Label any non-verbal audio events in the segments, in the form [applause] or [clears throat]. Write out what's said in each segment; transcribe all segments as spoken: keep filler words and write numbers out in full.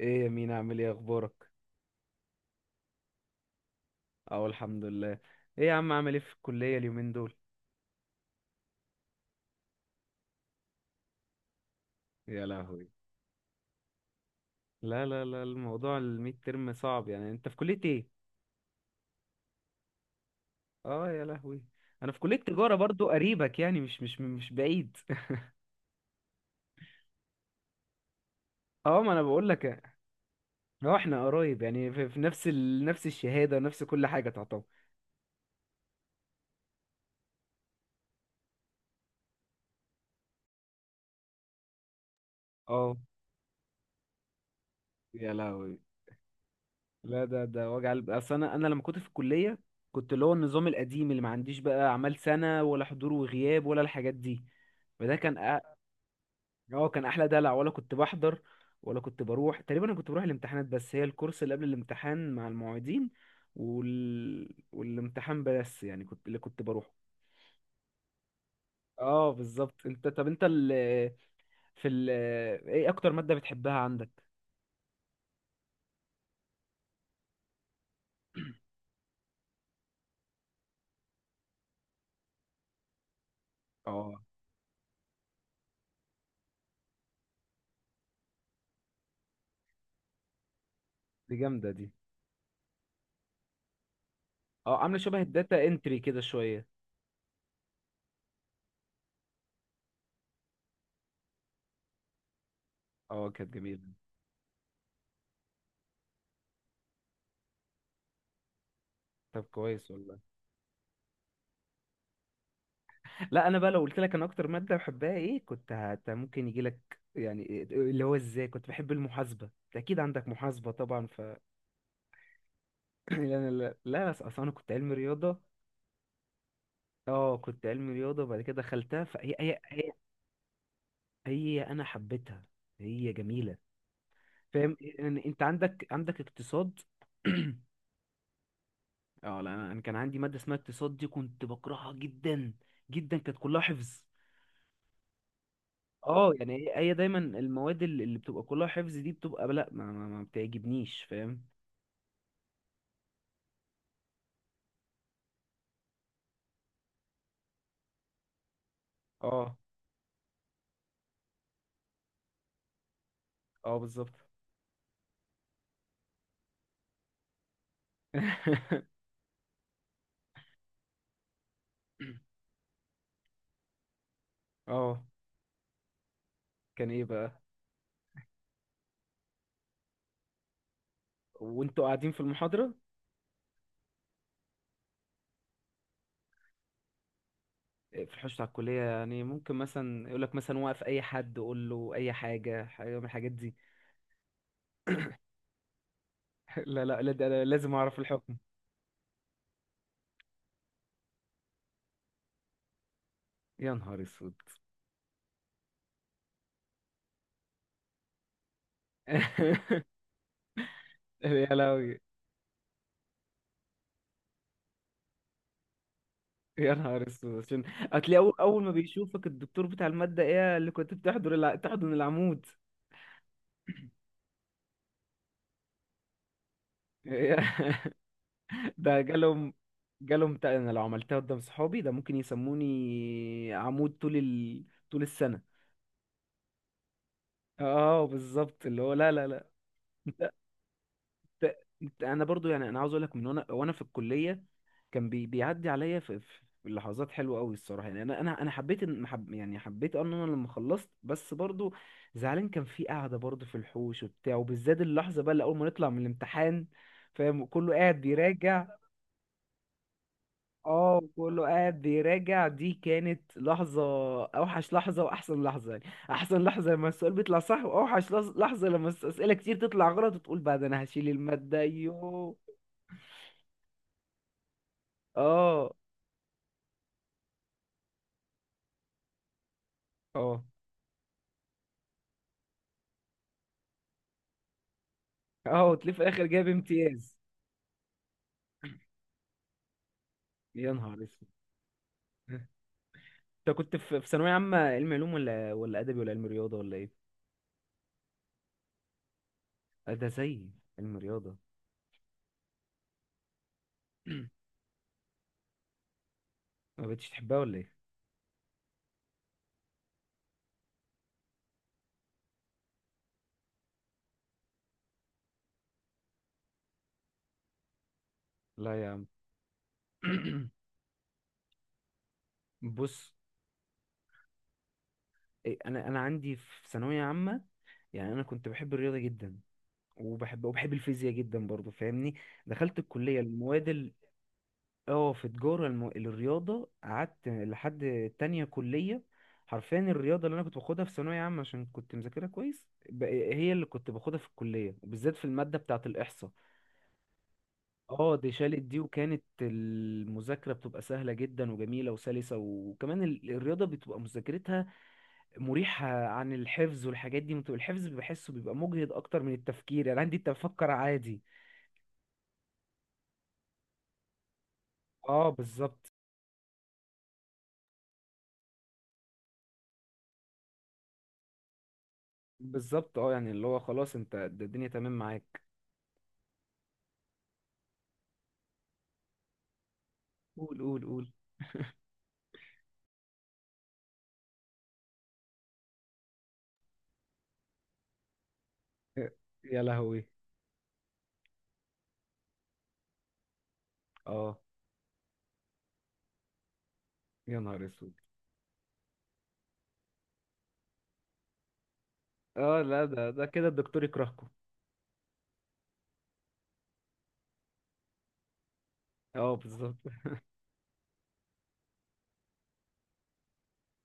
ايه يا مين، عامل ايه؟ اخبارك؟ اه، الحمد لله. ايه يا عم، عامل ايه في الكلية اليومين دول؟ يا لهوي. لا لا لا، الموضوع الميد ترم صعب يعني، انت في كلية ايه؟ اه، يا لهوي. انا في كلية تجارة برضو، قريبك يعني مش مش مش بعيد. [laughs] اه، ما انا بقول لك. اه، احنا قريب يعني في, في نفس ال... نفس الشهادة ونفس كل حاجة تعتبر. اه، يا لهوي. لا، ده ده وجع قلب، اصل انا انا لما كنت في الكلية كنت اللي هو النظام القديم، اللي ما عنديش بقى اعمال سنة ولا حضور وغياب ولا الحاجات دي، فده كان. اه، كان احلى دلع، ولا كنت بحضر ولا كنت بروح تقريبا. انا كنت بروح الامتحانات بس، هي الكورس اللي قبل الامتحان مع المعيدين وال... والامتحان بس يعني، كنت اللي كنت بروحه. اه بالظبط. انت، طب انت ال... في ال... ايه اكتر مادة بتحبها عندك؟ اه، دي جامدة دي. اه، عاملة شبه الداتا انتري كده شوية. اه، كانت جميلة. طب كويس والله. لا، انا بقى لو قلت لك انا اكتر مادة بحبها ايه، كنت هت... ممكن يجي لك، يعني اللي هو ازاي كنت بحب المحاسبة. أنت اكيد عندك محاسبة طبعا. [laughs] لا لا لا لا، اصل انا كنت علمي رياضه. اه، كنت علمي رياضه وبعد كده دخلتها، فهي هي هي, هي انا حبيتها. هي جميله. فاهم إن انت عندك عندك اقتصاد؟ [clears throat] اه لا، انا أنا كان عندي ماده اسمها اقتصاد، دي كنت بكرهها جدا جدا، كانت كلها حفظ. اه، يعني هي هي دايما المواد اللي اللي بتبقى كلها حفظ دي بتبقى لا، ما, ما, ما بتعجبنيش، فاهم؟ اه، اه، بالظبط. [laughs] اه، كان ايه بقى؟ وانتوا قاعدين في المحاضره؟ في حوشة على الكلية يعني، ممكن مثلا يقول لك مثلا وقف أي حد، قول له أي حاجة حاجة من الحاجات دي. [laughs] لا لا لا، ده أنا لازم أعرف الحكم. يا نهار أسود. [laughs] يا لهوي. يا نهار أسود، عشان هتلاقي أول أول ما بيشوفك الدكتور بتاع المادة، إيه اللي كنت بتحضر الع... تحضن العمود؟ [laughs] ده جالهم. جالهم تا- أنا لو عملتها قدام صحابي، ده ممكن يسموني عمود طول ال... طول السنة. اه بالظبط، اللي هو لا لا لا. [laughs] ت- انا برضو يعني، انا عاوز اقول لك، من وانا وانا في الكليه كان بي بيعدي عليا في في لحظات حلوه قوي الصراحه، يعني انا انا انا حبيت ان حب يعني حبيت أه ان انا لما خلصت بس برضو زعلان، كان في قعده برضو في الحوش وبتاع، وبالذات اللحظه بقى اللي اول ما نطلع من الامتحان، فاهم؟ كله قاعد بيراجع. اه، كله قاعد بيراجع، دي كانت لحظه. اوحش لحظه واحسن لحظه يعني. احسن لحظه لما السؤال بيطلع صح، واوحش لحظه لما اسئله كتير تطلع غلط وتقول بعد، انا هشيل الماده، يوه. اه، اه، اه، وتلاقيه في الاخر جايب امتياز. يا نهار اسود. انت كنت في في ثانويه عامه، علم علوم ولا ولا ادبي ولا علم رياضه ولا ايه؟ آه، ده زي علم رياضه. [clears throat] ما بقتش تحبها ولا ايه؟ لا يا عم. [clears throat] بص، إيه، انا انا عندي في ثانويه عامه، يعني انا كنت بحب الرياضه جدا، وبحب وبحب الفيزياء جدا برضو، فاهمني؟ دخلت الكليه، المواد، اه، في تجارة الم... الرياضة، قعدت لحد تانية كلية. حرفيا الرياضة اللي أنا كنت باخدها في ثانوية عامة، عشان كنت مذاكرها كويس، ب... هي اللي كنت باخدها في الكلية، وبالذات في المادة بتاعة الإحصاء. اه، دي شالت دي، وكانت المذاكرة بتبقى سهلة جدا وجميلة وسلسة، وكمان ال- الرياضة بتبقى مذاكرتها مريحة عن الحفظ. والحاجات دي بتبقى، الحفظ بحسه بيبقى مجهد أكتر من التفكير، يعني عندي تفكر عادي. اه بالظبط، بالظبط. اه يعني اللي هو خلاص، انت الدنيا تمام معاك. قول قول قول. يا لهوي. اه، يا نهار اسود. اه لا، ده ده كده الدكتور يكرهكم. اه بالظبط.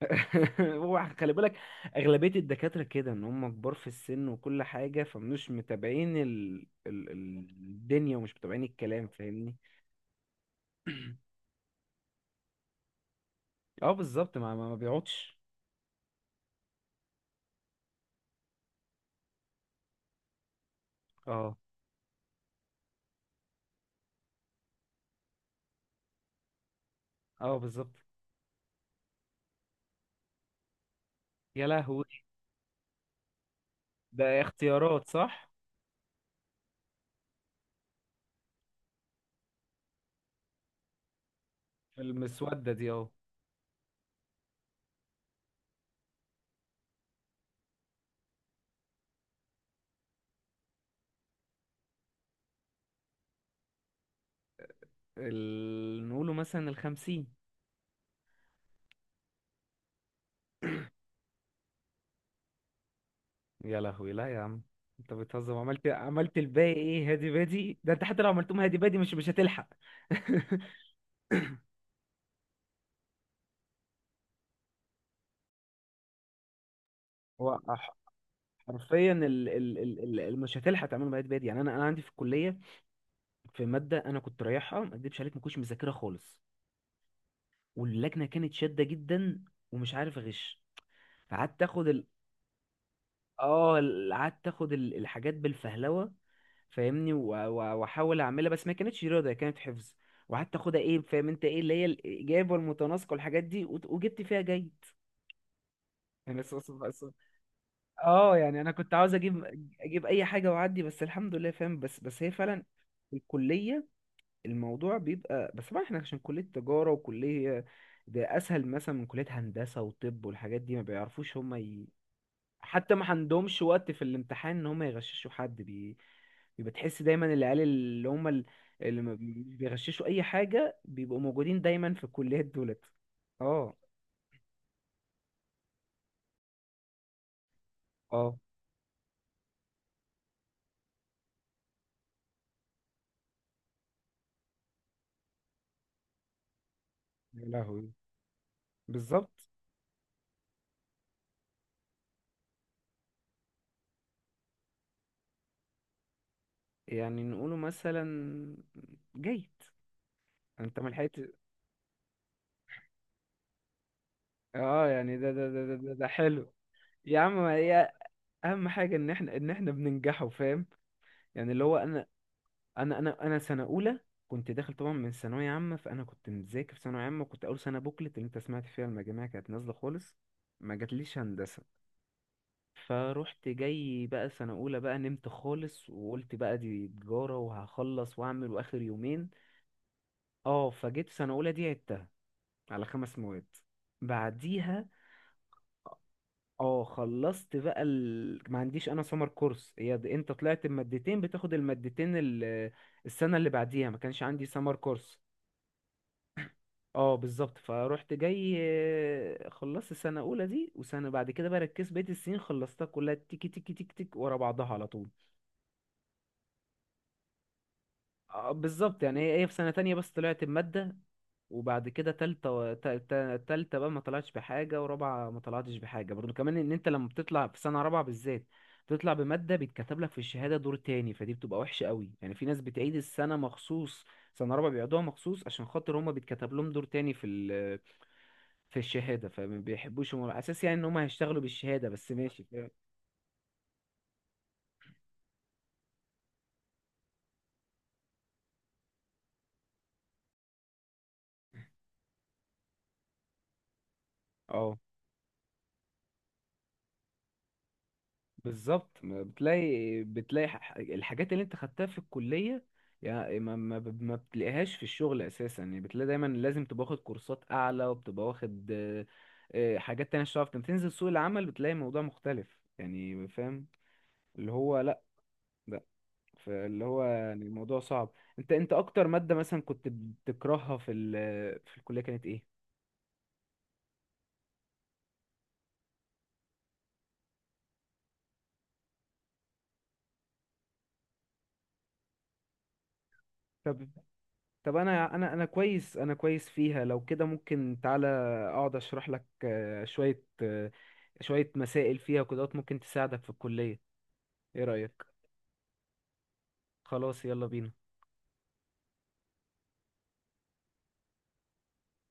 [laughs] هو خلي بالك، اغلبيه الدكاتره كده ان هم كبار في السن وكل حاجه، فمش متابعين ال... ال... ال- الدنيا، ومش متابعين الكلام، فاهمني؟ اه بالظبط، ما ما ما بيقعدش. اه، اه، بالظبط. يا لهوي. ده اختيارات صح؟ المسوده دي، اه. ال... نقوله مثلا الخمسين. يا لهوي، لا يا عم، انت بتهزر. عملت عملت الباقي ايه، هادي بادي؟ ده انت حتى لو عملتهم هادي بادي مش مش هتلحق. [laughs] هو ح- حرفيا ال ال ال ال ال- مش هتلحق تعملهم هادي بادي. يعني انا انا عندي في الكليه في ماده انا كنت رايحها، ما اكدبش عليك ما كنتش مذاكرها خالص، واللجنه كانت شاده جدا ومش عارف اغش. فقعدت اخد، اه، ال- قعدت اخد ال- الحاجات بالفهلوه، فاهمني؟ و- و- واحاول اعملها، بس ما كانتش رياضه، هي كانت حفظ. وقعدت اخدها ايه، فاهم انت، ايه اللي هي الاجابه والمتناسقه والحاجات دي، وت- وجبت فيها جيد. [laughs] يعني، بس بس بس. اه يعني، انا كنت عاوز اجيب اجيب اي حاجه واعدي، بس الحمد لله، فاهم؟ بس بس هي فعلا الكليه، الموضوع بيبقى، بس طبعا احنا عشان كليه تجاره، وكليه ده اسهل مثلا من كليه هندسه وطب والحاجات دي، ما بيعرفوش هم. حتى ما عندهمش وقت في الامتحان ان هم يغششوا حد بي... بيبقى تحس دايما العيال اللي هم ال- اللي ما بي- بيغششوا اي حاجه بيبقوا موجودين دايما في الكليات دولت. اه، اه. يا لهوي، بالظبط. يعني نقوله مثلا جيد، انت ما لحقت؟ اه يعني ده ده ده ده, ده, ده حلو. يا عم هي، اهم حاجه ان احنا ان احنا بننجحوا، فاهم؟ يعني اللي هو انا، انا انا انا سنه اولى كنت داخل طبعا من ثانويه عامه، فانا كنت مذاكر في ثانويه عامه، وكنت اول سنه بوكلت اللي انت سمعت فيها المجاميع كانت نازله خالص، ما جاتليش هندسه. فروحت جاي بقى سنه اولى بقى، نمت خالص وقلت بقى دي تجاره، وهخلص واعمل واخر يومين. اه، فجيت سنه اولى دي عدتها على خمس مواد. بعديها، اه، خلصت بقى ال... ما عنديش انا سمر كورس، هي د- انت طلعت بمادتين بتاخد المادتين ال... السنه اللي بعديها ما كانش عندي سمر كورس. اه بالظبط، فروحت جاي آه، خلصت السنه الاولى دي، وسنه بعد كده بقى ركزت، بقيه السنين خلصتها كلها تيكي تيكي تيك تيك ورا بعضها على طول. اه بالظبط، يعني هي هي في سنه تانية بس طلعت بماده، وبعد كده تالتة و- تا- تا- تالتة بقى ما طلعتش بحاجة، ورابعة ما طلعتش بحاجة برضو كمان. ان انت لما بتطلع في سنة رابعة بالذات بتطلع بمادة، بيتكتب لك في الشهادة دور تاني، فدي بتبقى وحشة قوي، يعني في ناس بتعيد السنة مخصوص سنة رابعة، بيقعدوها مخصوص عشان خاطر هما بيتكتب لهم دور تاني في في الشهادة، فما بيحبوش هم، على أساس يعني إن هم هيشتغلوا بالشهادة بس، ماشي، فاهم؟ اه بالظبط، ما بتلاقي بتلاقي ح- الحاجات اللي أنت خدتها في الكلية، يعني ما, ما, ب- ما بتلاقيهاش في الشغل أساسا. يعني بتلاقي دايما لازم تبقى واخد كورسات أعلى، وبتبقى واخد آه، آه، حاجات تانية عشان تعرف تم- تنزل سوق العمل، بتلاقي الموضوع مختلف يعني، فاهم؟ اللي هو لأ، لأ، فاللي هو يعني الموضوع صعب. أنت أنت أكتر مادة مثلا كنت بتكرهها في ال- في الكلية كانت إيه؟ طب انا انا انا كويس انا كويس فيها، لو كده ممكن، تعالى اقعد اشرح لك آه، شوية آه، شوية مسائل فيها، وكده ممكن تساعدك في الكلية. ايه رأيك؟ خلاص يلا بينا.